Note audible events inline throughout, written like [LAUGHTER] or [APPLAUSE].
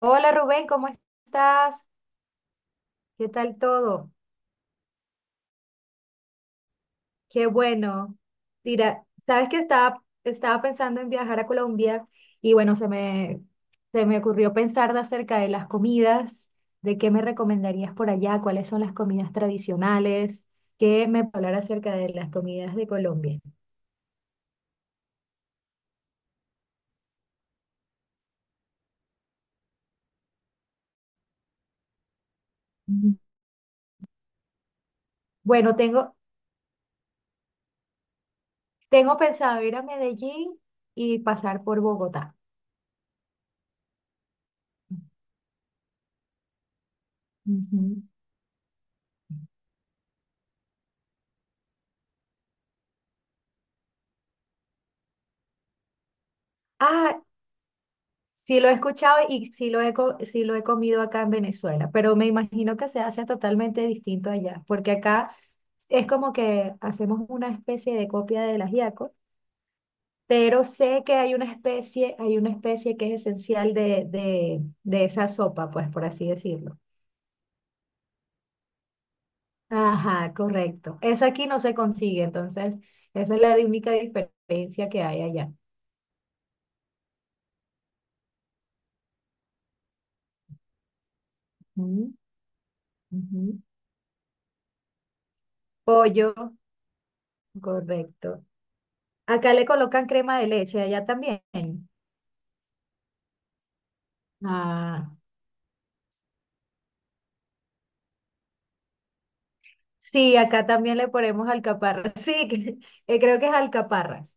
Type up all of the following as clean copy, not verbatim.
Hola Rubén, ¿cómo estás? ¿Qué tal todo? Qué bueno. Mira, sabes que estaba pensando en viajar a Colombia y bueno, se me ocurrió pensar de acerca de las comidas, de qué me recomendarías por allá, cuáles son las comidas tradicionales, qué me puedes hablar acerca de las comidas de Colombia. Ujú. Bueno, tengo pensado ir a Medellín y pasar por Bogotá. Ujú. Ah, sí lo he escuchado y sí sí lo he comido acá en Venezuela, pero me imagino que se hace totalmente distinto allá, porque acá es como que hacemos una especie de copia del ajiaco, pero sé que hay una especie que es esencial de esa sopa, pues por así decirlo. Ajá, correcto. Esa aquí no se consigue, entonces esa es la única diferencia que hay allá. Ujú, ujú. Pollo, correcto. Acá le colocan crema de leche, allá también. Ah, sí, acá también le ponemos alcaparras. [LAUGHS] Sí, creo que es alcaparras.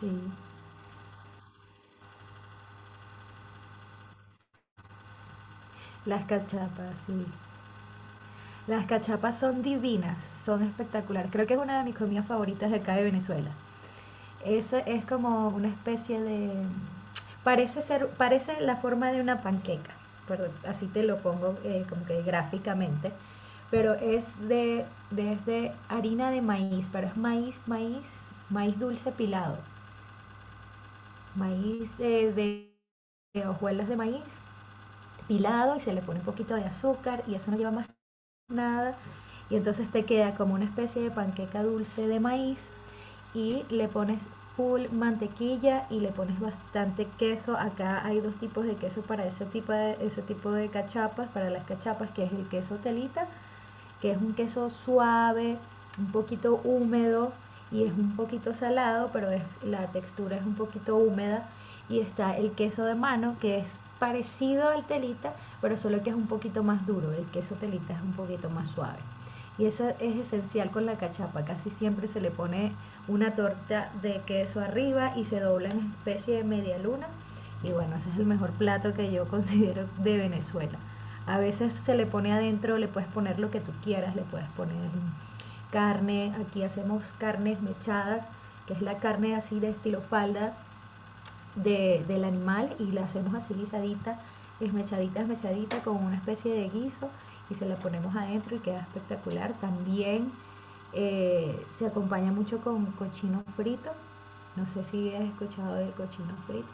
Sí, sí. Las cachapas son divinas, son espectaculares. Creo que es una de mis comidas favoritas de acá de Venezuela. Esa es como una especie de... Parece ser, parece la forma de una panqueca, perdón, así te lo pongo como que gráficamente, pero es desde harina de maíz, pero es maíz, maíz, maíz dulce pilado. Maíz de hojuelas de maíz pilado y se le pone un poquito de azúcar y eso no lleva más nada. Y entonces te queda como una especie de panqueca dulce de maíz y le pones full mantequilla y le pones bastante queso. Acá hay dos tipos de queso para ese tipo de cachapas, para las cachapas, que es el queso telita, que es un queso suave, un poquito húmedo y es un poquito salado, pero es, la textura es un poquito húmeda. Y está el queso de mano, que es parecido al telita, pero solo que es un poquito más duro. El queso telita es un poquito más suave. Y eso es esencial con la cachapa. Casi siempre se le pone una torta de queso arriba y se dobla en especie de media luna. Y bueno, ese es el mejor plato que yo considero de Venezuela. A veces se le pone adentro, le puedes poner lo que tú quieras, le puedes poner carne. Aquí hacemos carne mechada, que es la carne así de estilo falda, del animal y la hacemos así guisadita, esmechadita, esmechadita con una especie de guiso y se la ponemos adentro y queda espectacular. También se acompaña mucho con cochino frito. No sé si has escuchado del cochino frito.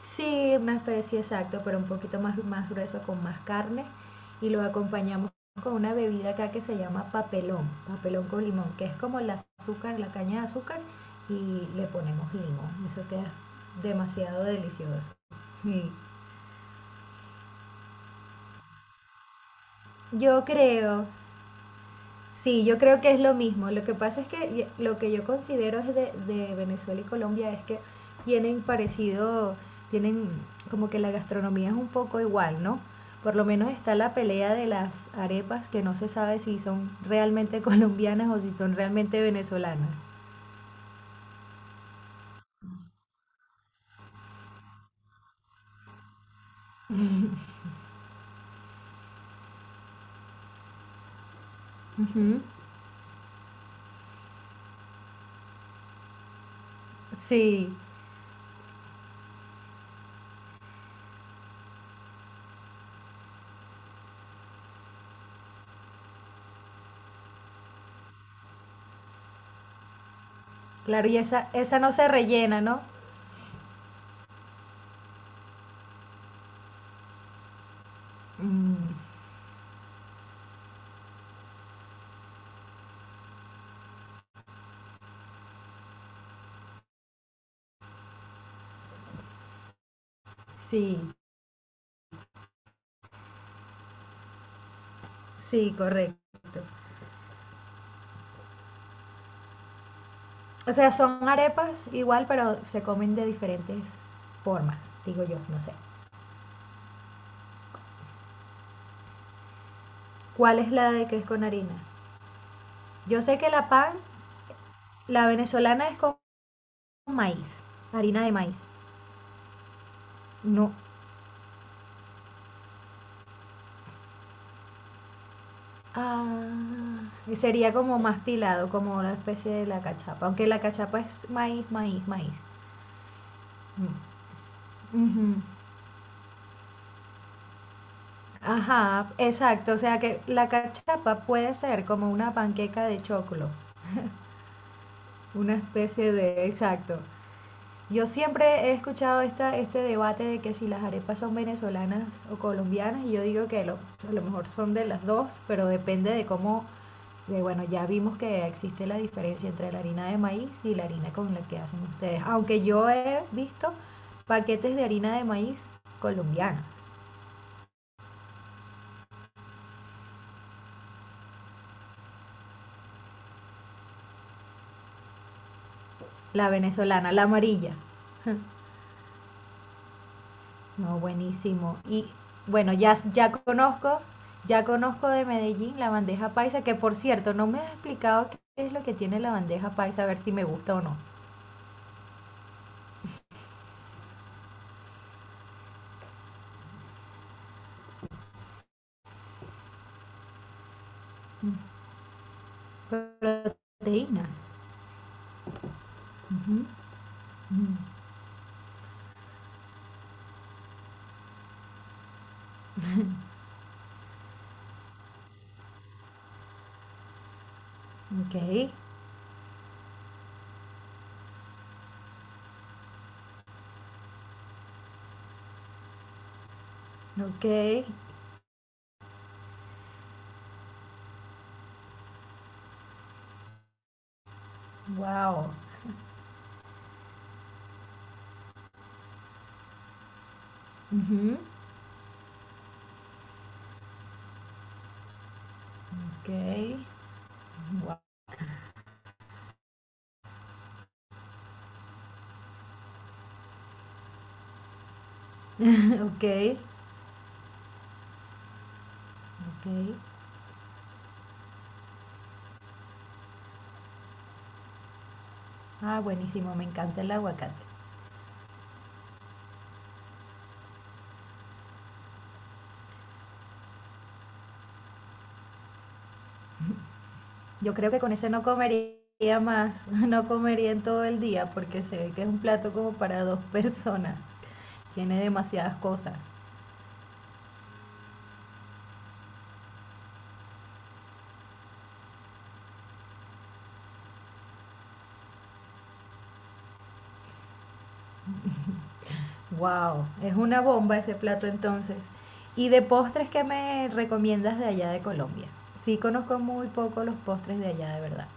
Sí, una especie exacto, pero un poquito más, más grueso con más carne y lo acompañamos con una bebida acá que se llama papelón, papelón con limón, que es como el azúcar, la caña de azúcar y le ponemos limón. Eso queda demasiado delicioso. Sí. Yo creo Sí, yo creo que es lo mismo. Lo que pasa es que lo que yo considero es de Venezuela y Colombia es que tienen parecido, tienen como que la gastronomía es un poco igual, ¿no? Por lo menos está la pelea de las arepas que no se sabe si son realmente [LAUGHS] colombianas o si son realmente venezolanas. Ujú. Sí, claro, y esa no se rellena, ¿no? Mm, sí, sí, correcto. O sea, son arepas igual, pero se comen de diferentes formas, digo yo, no sé. ¿Cuál es la de que es con harina? Yo sé que la pan, la venezolana es con maíz, harina de maíz. No. Ah, sería como más pilado, como una especie de la cachapa. Aunque la cachapa es maíz, maíz, maíz. Mm. Ujú. Ajá, exacto. O sea que la cachapa puede ser como una panqueca de choclo. Una especie de, exacto. Yo siempre he escuchado este debate de que si las arepas son venezolanas o colombianas, y yo digo que a lo mejor son de las dos, pero depende de cómo, bueno, ya vimos que existe la diferencia entre la harina de maíz y la harina con la que hacen ustedes. Aunque yo he visto paquetes de harina de maíz colombiana, la venezolana, la amarilla. No, buenísimo. Y bueno, ya conozco de Medellín la bandeja paisa, que por cierto, no me has explicado qué es lo que tiene la bandeja paisa, a ver si me gusta o no. Mm, proteínas. Ujú, mm. [LAUGHS] Ok, ok, wow. Ujú, ok, wow. [LAUGHS] Ok, ok. Ah, buenísimo, me encanta el aguacate. Yo creo que con ese no comería más, [LAUGHS] no comería en todo el día porque sé que es un plato como para dos personas. Tiene demasiadas cosas. Wow, es una bomba ese plato entonces. ¿Y de postres qué me recomiendas de allá de Colombia? Sí, conozco muy poco los postres de allá de verdad.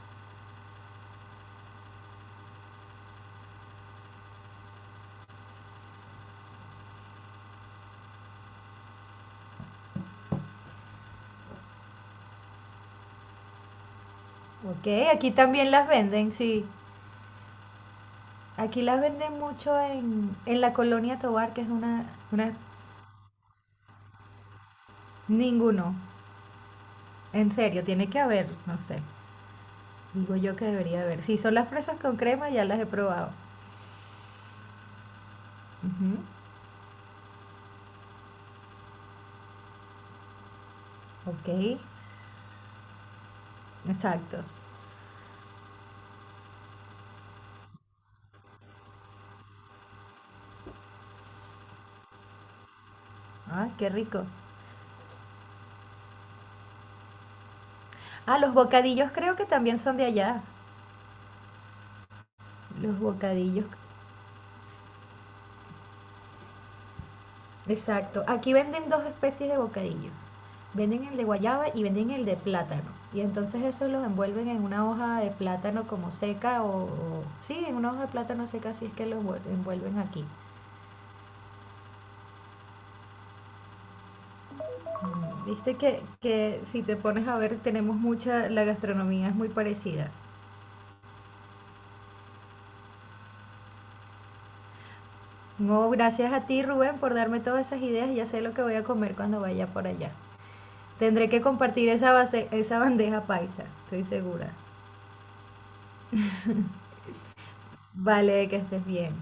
Ok, aquí también las venden, sí. Aquí las venden mucho en la colonia Tovar que es una... Ninguno. En serio, tiene que haber, no sé. Digo yo que debería haber. Si son las fresas con crema, ya las he probado. Ujú, ok, exacto. Ah, qué rico. Ah, los bocadillos creo que también son de allá. Los bocadillos. Exacto. Aquí venden dos especies de bocadillos. Venden el de guayaba y venden el de plátano. Y entonces eso los envuelven en una hoja de plátano como seca o, sí, en una hoja de plátano seca, así es que envuelven aquí. Viste que si te pones a ver, tenemos mucha, la gastronomía es muy parecida. No, gracias a ti, Rubén, por darme todas esas ideas. Ya sé lo que voy a comer cuando vaya por allá. Tendré que compartir esa base, esa bandeja paisa, estoy segura. Vale, que estés bien.